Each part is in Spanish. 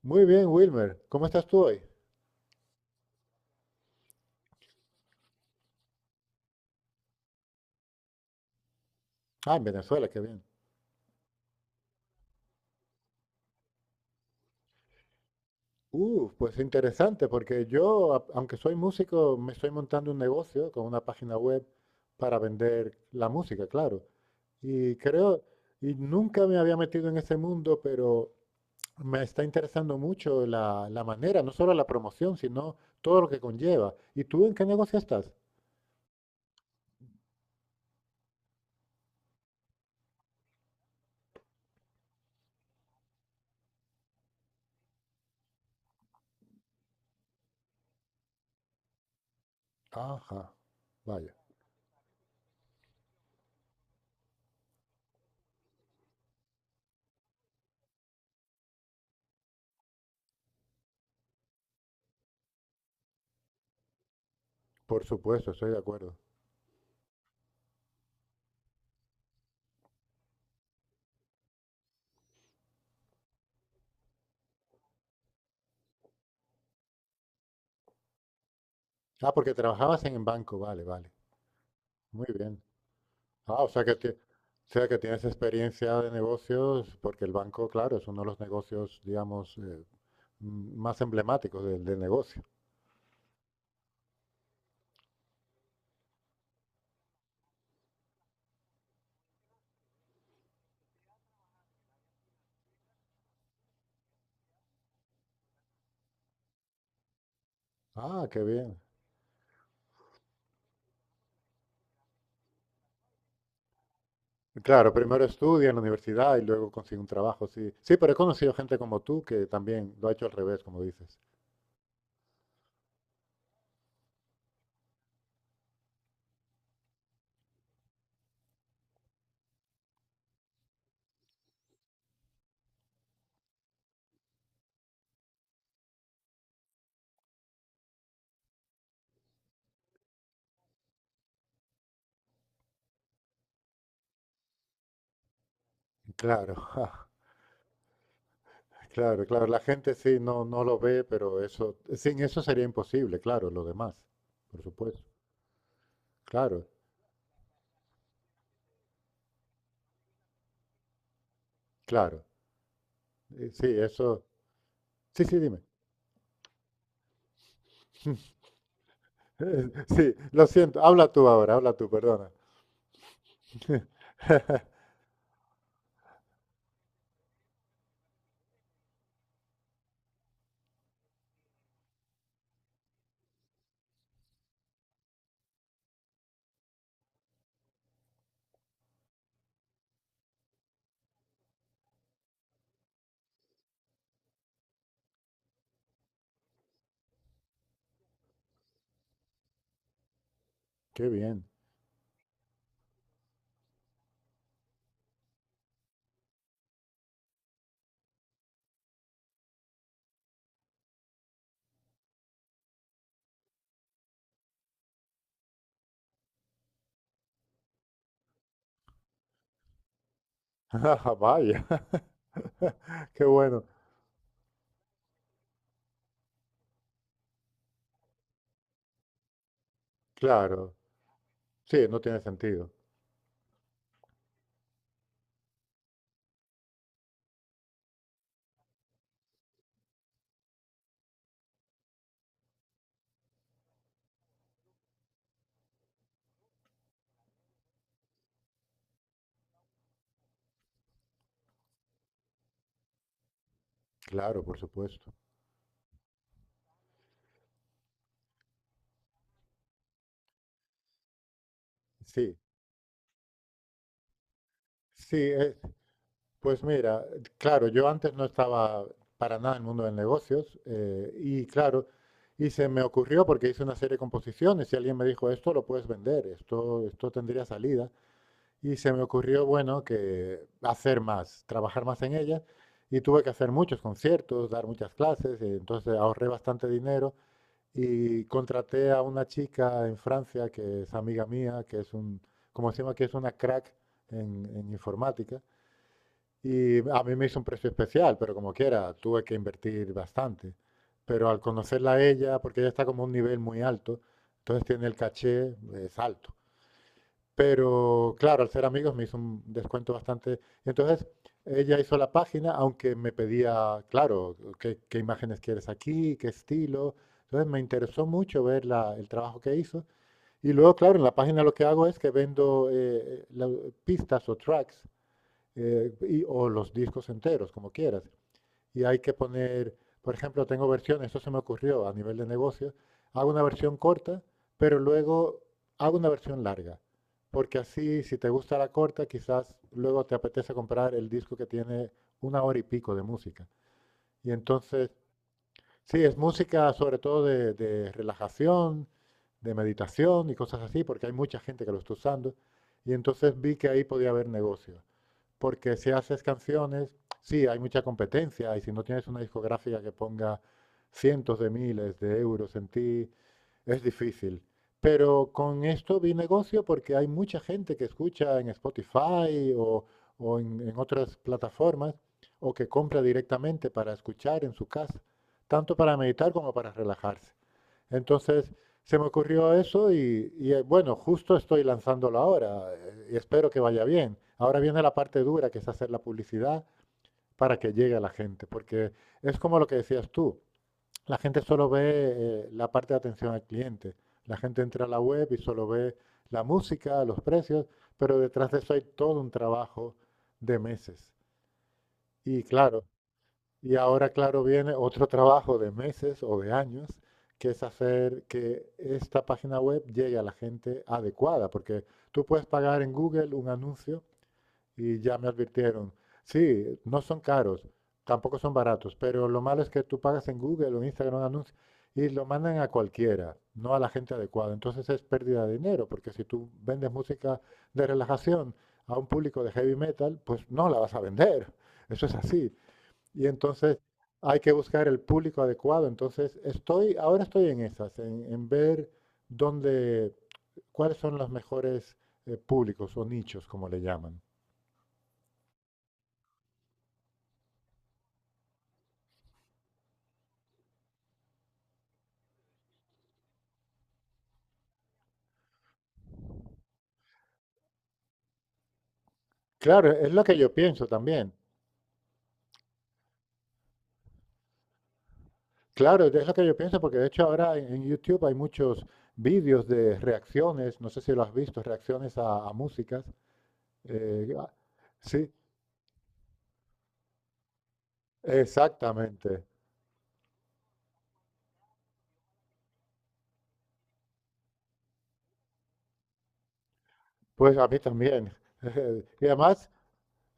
Muy bien, Wilmer. ¿Cómo estás tú hoy? Ah, en Venezuela, qué bien. Pues interesante, porque yo, aunque soy músico, me estoy montando un negocio con una página web para vender la música, claro. Y creo, y nunca me había metido en ese mundo, pero me está interesando mucho la manera, no solo la promoción, sino todo lo que conlleva. ¿Y tú en qué negocio estás? Ajá, vaya. Por supuesto, estoy de acuerdo. Ah, porque trabajabas en el banco, vale, vale. Muy bien. Ah, o sea que, o sea que tienes experiencia de negocios, porque el banco, claro, es uno de los negocios, digamos, más emblemáticos del negocio. Ah, qué bien. Claro, primero estudia en la universidad y luego consigue un trabajo, sí. Sí, pero he conocido gente como tú que también lo ha hecho al revés, como dices. Claro, claro, claro. La gente sí no, no lo ve, pero eso, sin eso sería imposible, claro, lo demás, por supuesto. Claro, claro. Sí, eso. Sí, sí, dime. Eh, Sí, lo siento. Habla tú ahora, habla tú, perdona. Qué bien. Ah, vaya. Qué bueno. Claro. Sí, no tiene sentido. Claro, por supuesto. Sí, sí. Pues mira, claro, yo antes no estaba para nada en el mundo de negocios, y claro, y se me ocurrió porque hice una serie de composiciones y alguien me dijo, esto lo puedes vender, esto tendría salida. Y se me ocurrió, bueno, que hacer más, trabajar más en ella. Y tuve que hacer muchos conciertos, dar muchas clases, y entonces ahorré bastante dinero y contraté a una chica en Francia que es amiga mía, que es un, como decimos que es una crack en informática. Y a mí me hizo un precio especial, pero como quiera, tuve que invertir bastante. Pero al conocerla a ella, porque ella está como a un nivel muy alto, entonces tiene el caché, es alto. Pero claro, al ser amigos me hizo un descuento bastante. Y entonces ella hizo la página, aunque me pedía, claro, qué imágenes quieres aquí, qué estilo. Entonces me interesó mucho ver el trabajo que hizo. Y luego, claro, en la página lo que hago es que vendo pistas o tracks o los discos enteros, como quieras, y hay que poner, por ejemplo, tengo versiones, esto se me ocurrió a nivel de negocio, hago una versión corta, pero luego hago una versión larga, porque así si te gusta la corta, quizás luego te apetece comprar el disco que tiene una hora y pico de música. Y entonces, sí, es música sobre todo de relajación, de meditación y cosas así, porque hay mucha gente que lo está usando, y entonces vi que ahí podía haber negocio porque si haces canciones, sí, hay mucha competencia y si no tienes una discográfica que ponga cientos de miles de euros en ti, es difícil. Pero con esto vi negocio porque hay mucha gente que escucha en Spotify o en otras plataformas o que compra directamente para escuchar en su casa, tanto para meditar como para relajarse. Entonces se me ocurrió eso y, bueno, justo estoy lanzándolo ahora, y espero que vaya bien. Ahora viene la parte dura, que es hacer la publicidad para que llegue a la gente, porque es como lo que decías tú, la gente solo ve la parte de atención al cliente, la gente entra a la web y solo ve la música, los precios, pero detrás de eso hay todo un trabajo de meses. Y claro, y ahora, claro, viene otro trabajo de meses o de años, que es hacer que esta página web llegue a la gente adecuada, porque tú puedes pagar en Google un anuncio y ya me advirtieron, sí, no son caros, tampoco son baratos, pero lo malo es que tú pagas en Google o en Instagram un anuncio y lo mandan a cualquiera, no a la gente adecuada. Entonces es pérdida de dinero, porque si tú vendes música de relajación a un público de heavy metal, pues no la vas a vender. Eso es así. Y entonces hay que buscar el público adecuado. Entonces estoy, ahora estoy en esas, en ver dónde, cuáles son los mejores públicos o nichos, como le llaman. Claro, es lo que yo pienso también. Claro, es lo que yo pienso porque de hecho ahora en YouTube hay muchos vídeos de reacciones, no sé si lo has visto, reacciones a músicas. eh, ah, sí, exactamente. Pues a mí también. Y además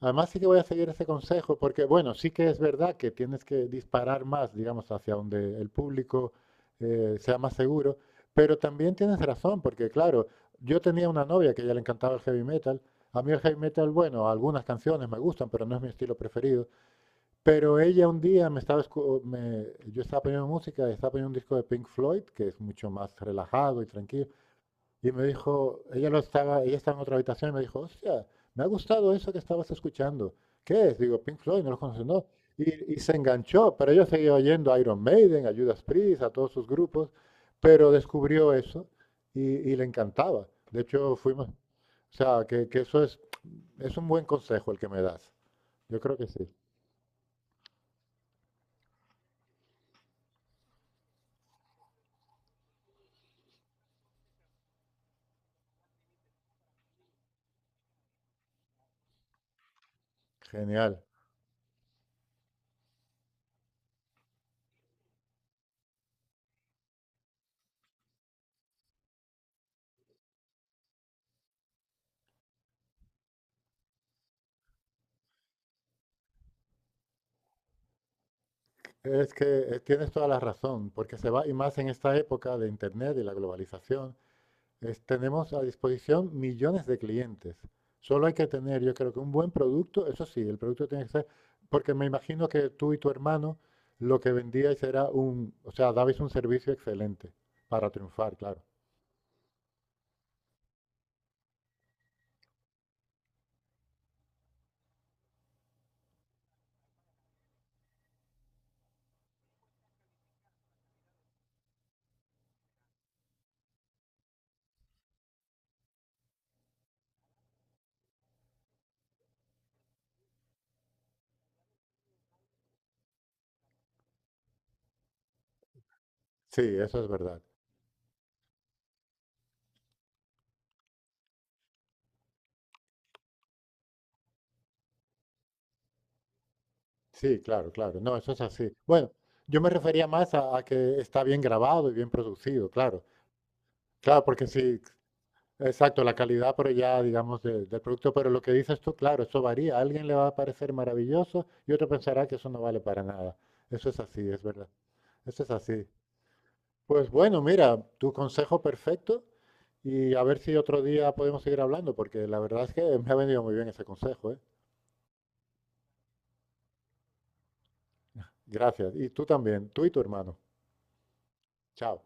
además, sí que voy a seguir ese consejo, porque bueno, sí que es verdad que tienes que disparar más, digamos, hacia donde el público sea más seguro, pero también tienes razón, porque claro, yo tenía una novia que a ella le encantaba el heavy metal. A mí el heavy metal, bueno, algunas canciones me gustan, pero no es mi estilo preferido. Pero ella un día me estaba, yo estaba poniendo música, estaba poniendo un disco de Pink Floyd, que es mucho más relajado y tranquilo. Y me dijo, ella lo estaba, ella estaba en otra habitación y me dijo, hostia, me ha gustado eso que estabas escuchando. ¿Qué es? Digo, Pink Floyd, no lo conoces, no. Y se enganchó, pero ella seguía oyendo a Iron Maiden, a Judas Priest, a todos sus grupos, pero descubrió eso y, y le encantaba. De hecho, fuimos, o sea, que eso es un buen consejo el que me das. Yo creo que sí. Genial. Es que tienes toda la razón, porque se va, y más en esta época de Internet y la globalización, tenemos a disposición millones de clientes. Solo hay que tener, yo creo que un buen producto, eso sí, el producto tiene que ser, porque me imagino que tú y tu hermano lo que vendíais era un, o sea, dabais un servicio excelente para triunfar, claro. Sí, eso es verdad. Sí, claro, claro. No, eso es así. Bueno, yo me refería más a que está bien grabado y bien producido, claro. Claro, porque si, exacto, la calidad, pero ya, digamos, del producto. Pero lo que dices tú, claro, eso varía. A alguien le va a parecer maravilloso y otro pensará que eso no vale para nada. Eso es así, es verdad. Eso es así. Pues bueno, mira, tu consejo perfecto y a ver si otro día podemos seguir hablando, porque la verdad es que me ha venido muy bien ese consejo, ¿eh? Gracias. Y tú también, tú y tu hermano. Chao.